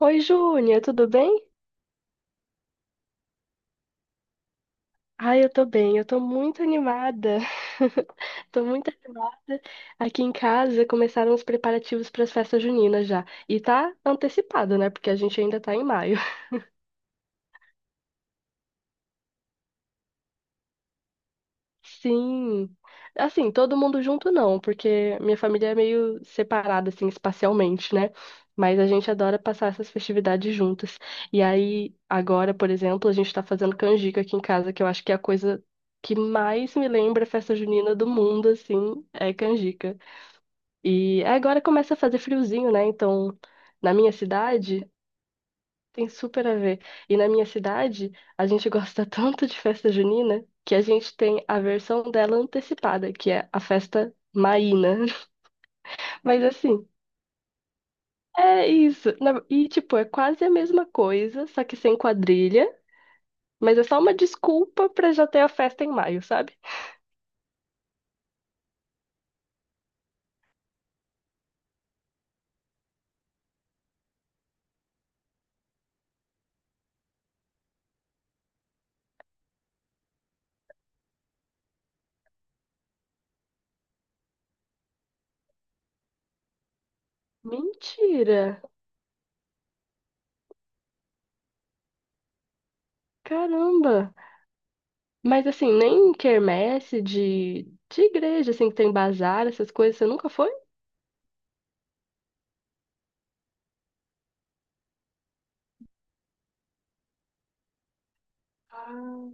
Oi, Júnia, tudo bem? Ai, eu tô muito animada. Tô muito animada. Aqui em casa começaram os preparativos para as festas juninas já. E tá antecipado, né? Porque a gente ainda tá em maio. Sim. Assim, todo mundo junto não, porque minha família é meio separada, assim, espacialmente, né? Mas a gente adora passar essas festividades juntas. E aí, agora, por exemplo, a gente tá fazendo canjica aqui em casa, que eu acho que é a coisa que mais me lembra a festa junina do mundo, assim, é canjica. E agora começa a fazer friozinho, né? Então, na minha cidade. Tem super a ver. E na minha cidade, a gente gosta tanto de festa junina que a gente tem a versão dela antecipada, que é a festa maína. Mas assim, é isso. E tipo, é quase a mesma coisa, só que sem quadrilha, mas é só uma desculpa pra já ter a festa em maio, sabe? Mentira! Caramba! Mas assim, nem quermesse de igreja, assim, que tem bazar, essas coisas, você nunca foi? Ah.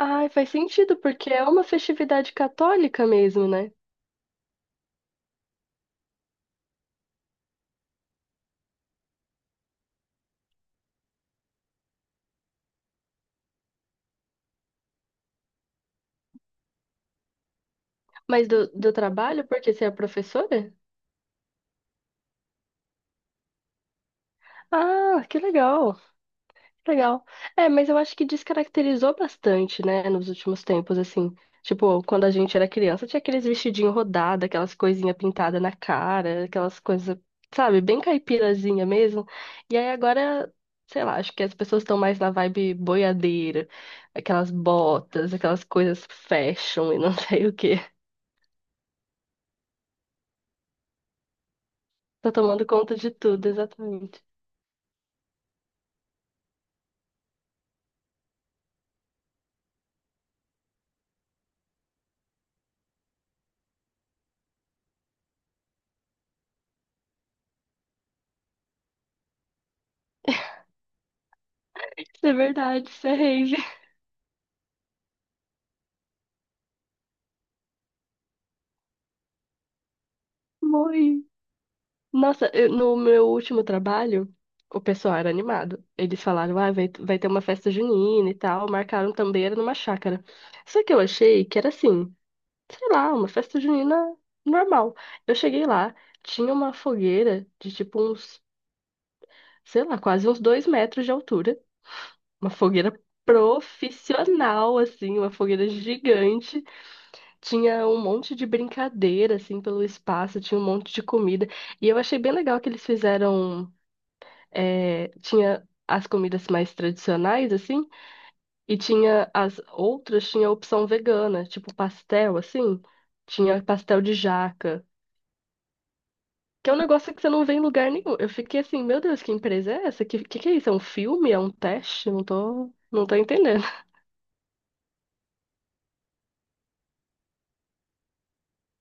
Ai, faz sentido, porque é uma festividade católica mesmo, né? Mas do trabalho, porque você é professora? Ah, que legal, que legal. É, mas eu acho que descaracterizou bastante, né, nos últimos tempos, assim. Tipo, quando a gente era criança, tinha aqueles vestidinhos rodados, aquelas coisinhas pintadas na cara, aquelas coisas, sabe, bem caipirazinha mesmo. E aí agora, sei lá, acho que as pessoas estão mais na vibe boiadeira, aquelas botas, aquelas coisas fashion e não sei o quê. Tô tomando conta de tudo, exatamente. Isso é verdade, isso é rave. Morri. Nossa, no meu último trabalho, o pessoal era animado. Eles falaram, ah, vai ter uma festa junina e tal. Marcaram também, era numa chácara. Só que eu achei que era assim, sei lá, uma festa junina normal. Eu cheguei lá, tinha uma fogueira de tipo uns, sei lá, quase uns dois metros de altura. Uma fogueira profissional, assim, uma fogueira gigante. Tinha um monte de brincadeira, assim, pelo espaço, tinha um monte de comida. E eu achei bem legal que eles fizeram. É, tinha as comidas mais tradicionais, assim, e tinha as outras, tinha a opção vegana, tipo pastel, assim. Tinha pastel de jaca, que é um negócio que você não vê em lugar nenhum. Eu fiquei assim, meu Deus, que empresa é essa? Que que é isso? É um filme? É um teste? Não tô entendendo.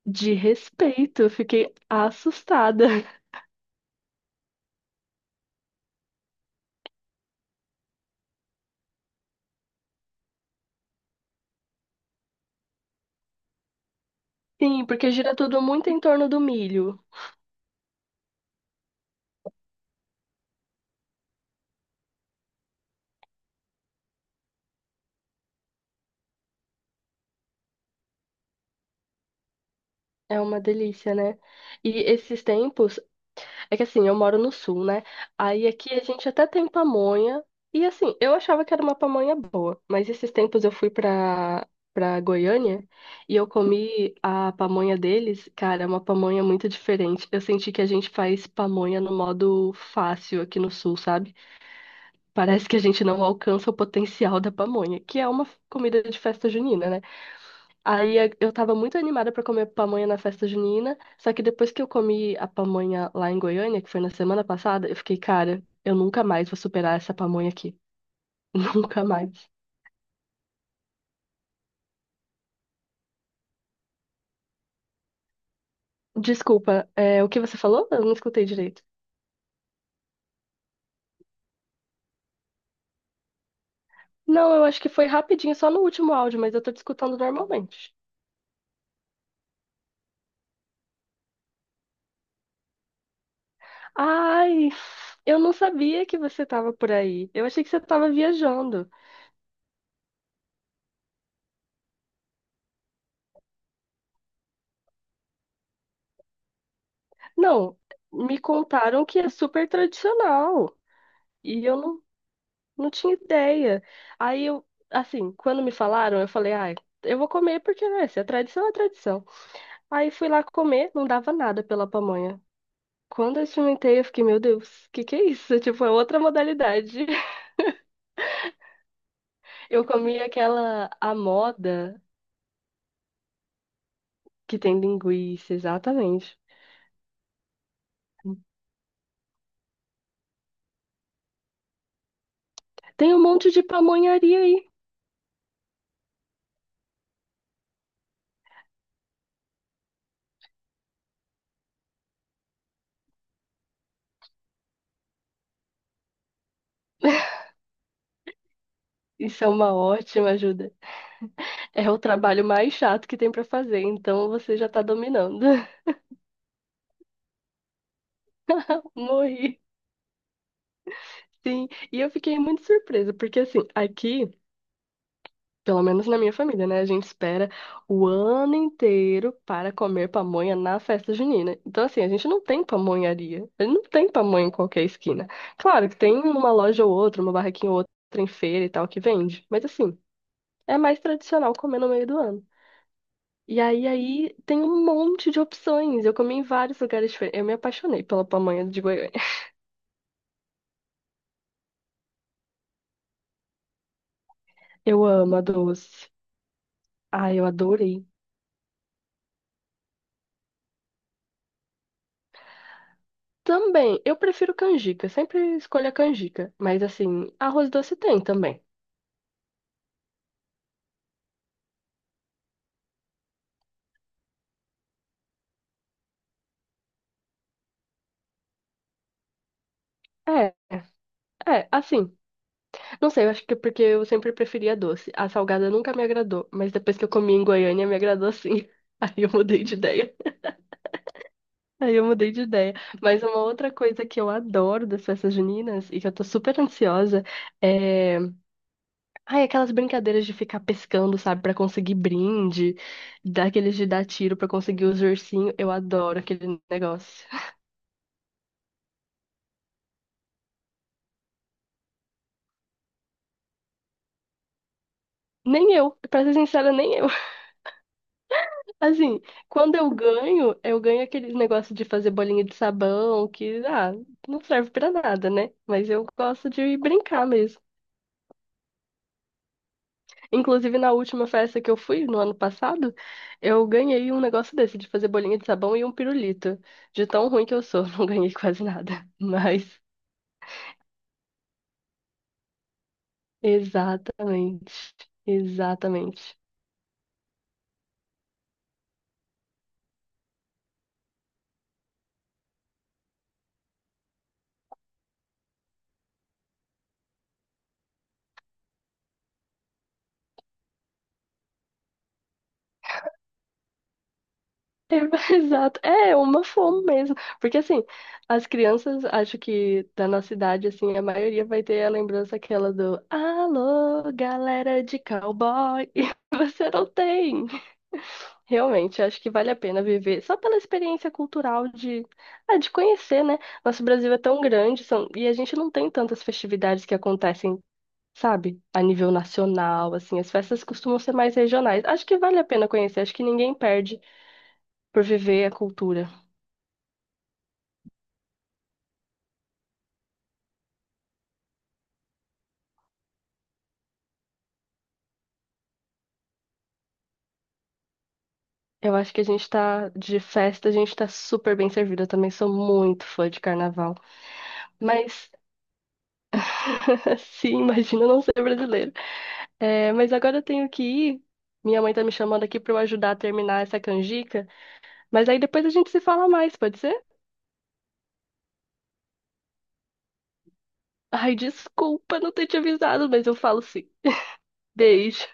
De respeito, eu fiquei assustada. Sim, porque gira tudo muito em torno do milho. É uma delícia, né? E esses tempos, é que assim, eu moro no sul, né? Aí aqui a gente até tem pamonha. E assim, eu achava que era uma pamonha boa, mas esses tempos eu fui pra Goiânia e eu comi a pamonha deles. Cara, é uma pamonha muito diferente. Eu senti que a gente faz pamonha no modo fácil aqui no sul, sabe? Parece que a gente não alcança o potencial da pamonha, que é uma comida de festa junina, né? Aí eu tava muito animada pra comer pamonha na festa junina, só que depois que eu comi a pamonha lá em Goiânia, que foi na semana passada, eu fiquei, cara, eu nunca mais vou superar essa pamonha aqui. Nunca mais. Desculpa, o que você falou? Eu não escutei direito. Não, eu acho que foi rapidinho, só no último áudio, mas eu tô te escutando normalmente. Ai, eu não sabia que você tava por aí. Eu achei que você tava viajando. Não, me contaram que é super tradicional. E eu não Não tinha ideia. Aí eu, assim, quando me falaram, eu falei, ai, eu vou comer porque, né, se é tradição, é tradição. Aí fui lá comer, não dava nada pela pamonha. Quando eu experimentei, eu fiquei, meu Deus, o que que é isso? Tipo, é outra modalidade. Eu comi aquela, a moda que tem linguiça, exatamente. Tem um monte de pamonharia aí. Isso é uma ótima ajuda. É o trabalho mais chato que tem pra fazer, então você já tá dominando. Morri. Sim, e eu fiquei muito surpresa, porque assim, aqui, pelo menos na minha família, né, a gente espera o ano inteiro para comer pamonha na festa junina. Então, assim, a gente não tem pamonharia, a gente não tem pamonha em qualquer esquina. Claro que tem uma loja ou outra, uma barraquinha ou outra em feira e tal que vende, mas assim, é mais tradicional comer no meio do ano. E aí, aí tem um monte de opções. Eu comi em vários lugares diferentes. Eu me apaixonei pela pamonha de Goiânia. Eu amo a doce. Ai, eu adorei. Também, eu prefiro canjica, sempre escolho a canjica. Mas assim, arroz doce tem também. É, assim. Não sei, eu acho que é porque eu sempre preferia doce. A salgada nunca me agradou, mas depois que eu comi em Goiânia me agradou sim. Aí eu mudei de ideia. Aí eu mudei de ideia. Mas uma outra coisa que eu adoro das festas juninas e que eu tô super ansiosa é. Ai, aquelas brincadeiras de ficar pescando, sabe, pra conseguir brinde, daqueles de dar tiro pra conseguir os ursinhos. Eu adoro aquele negócio. Nem eu, pra ser sincera, nem eu. Assim, quando eu ganho aquele negócio de fazer bolinha de sabão, que, ah, não serve pra nada, né? Mas eu gosto de brincar mesmo. Inclusive, na última festa que eu fui, no ano passado, eu ganhei um negócio desse, de fazer bolinha de sabão e um pirulito. De tão ruim que eu sou, não ganhei quase nada. Mas, exatamente, exatamente. Exato, é uma fome mesmo, porque assim, as crianças, acho que da nossa idade, assim, a maioria vai ter a lembrança aquela do Alô, galera de cowboy, e você não tem. Realmente, acho que vale a pena viver só pela experiência cultural de, ah, de conhecer, né? Nosso Brasil é tão grande, são... e a gente não tem tantas festividades que acontecem, sabe, a nível nacional, assim, as festas costumam ser mais regionais. Acho que vale a pena conhecer, acho que ninguém perde por viver a cultura. Eu acho que a gente tá de festa, a gente tá super bem servido. Eu também sou muito fã de carnaval. Mas, sim, imagina eu não ser brasileiro. É, mas agora eu tenho que ir. Minha mãe tá me chamando aqui pra eu ajudar a terminar essa canjica. Mas aí depois a gente se fala mais, pode ser? Ai, desculpa não ter te avisado, mas eu falo sim. Beijo.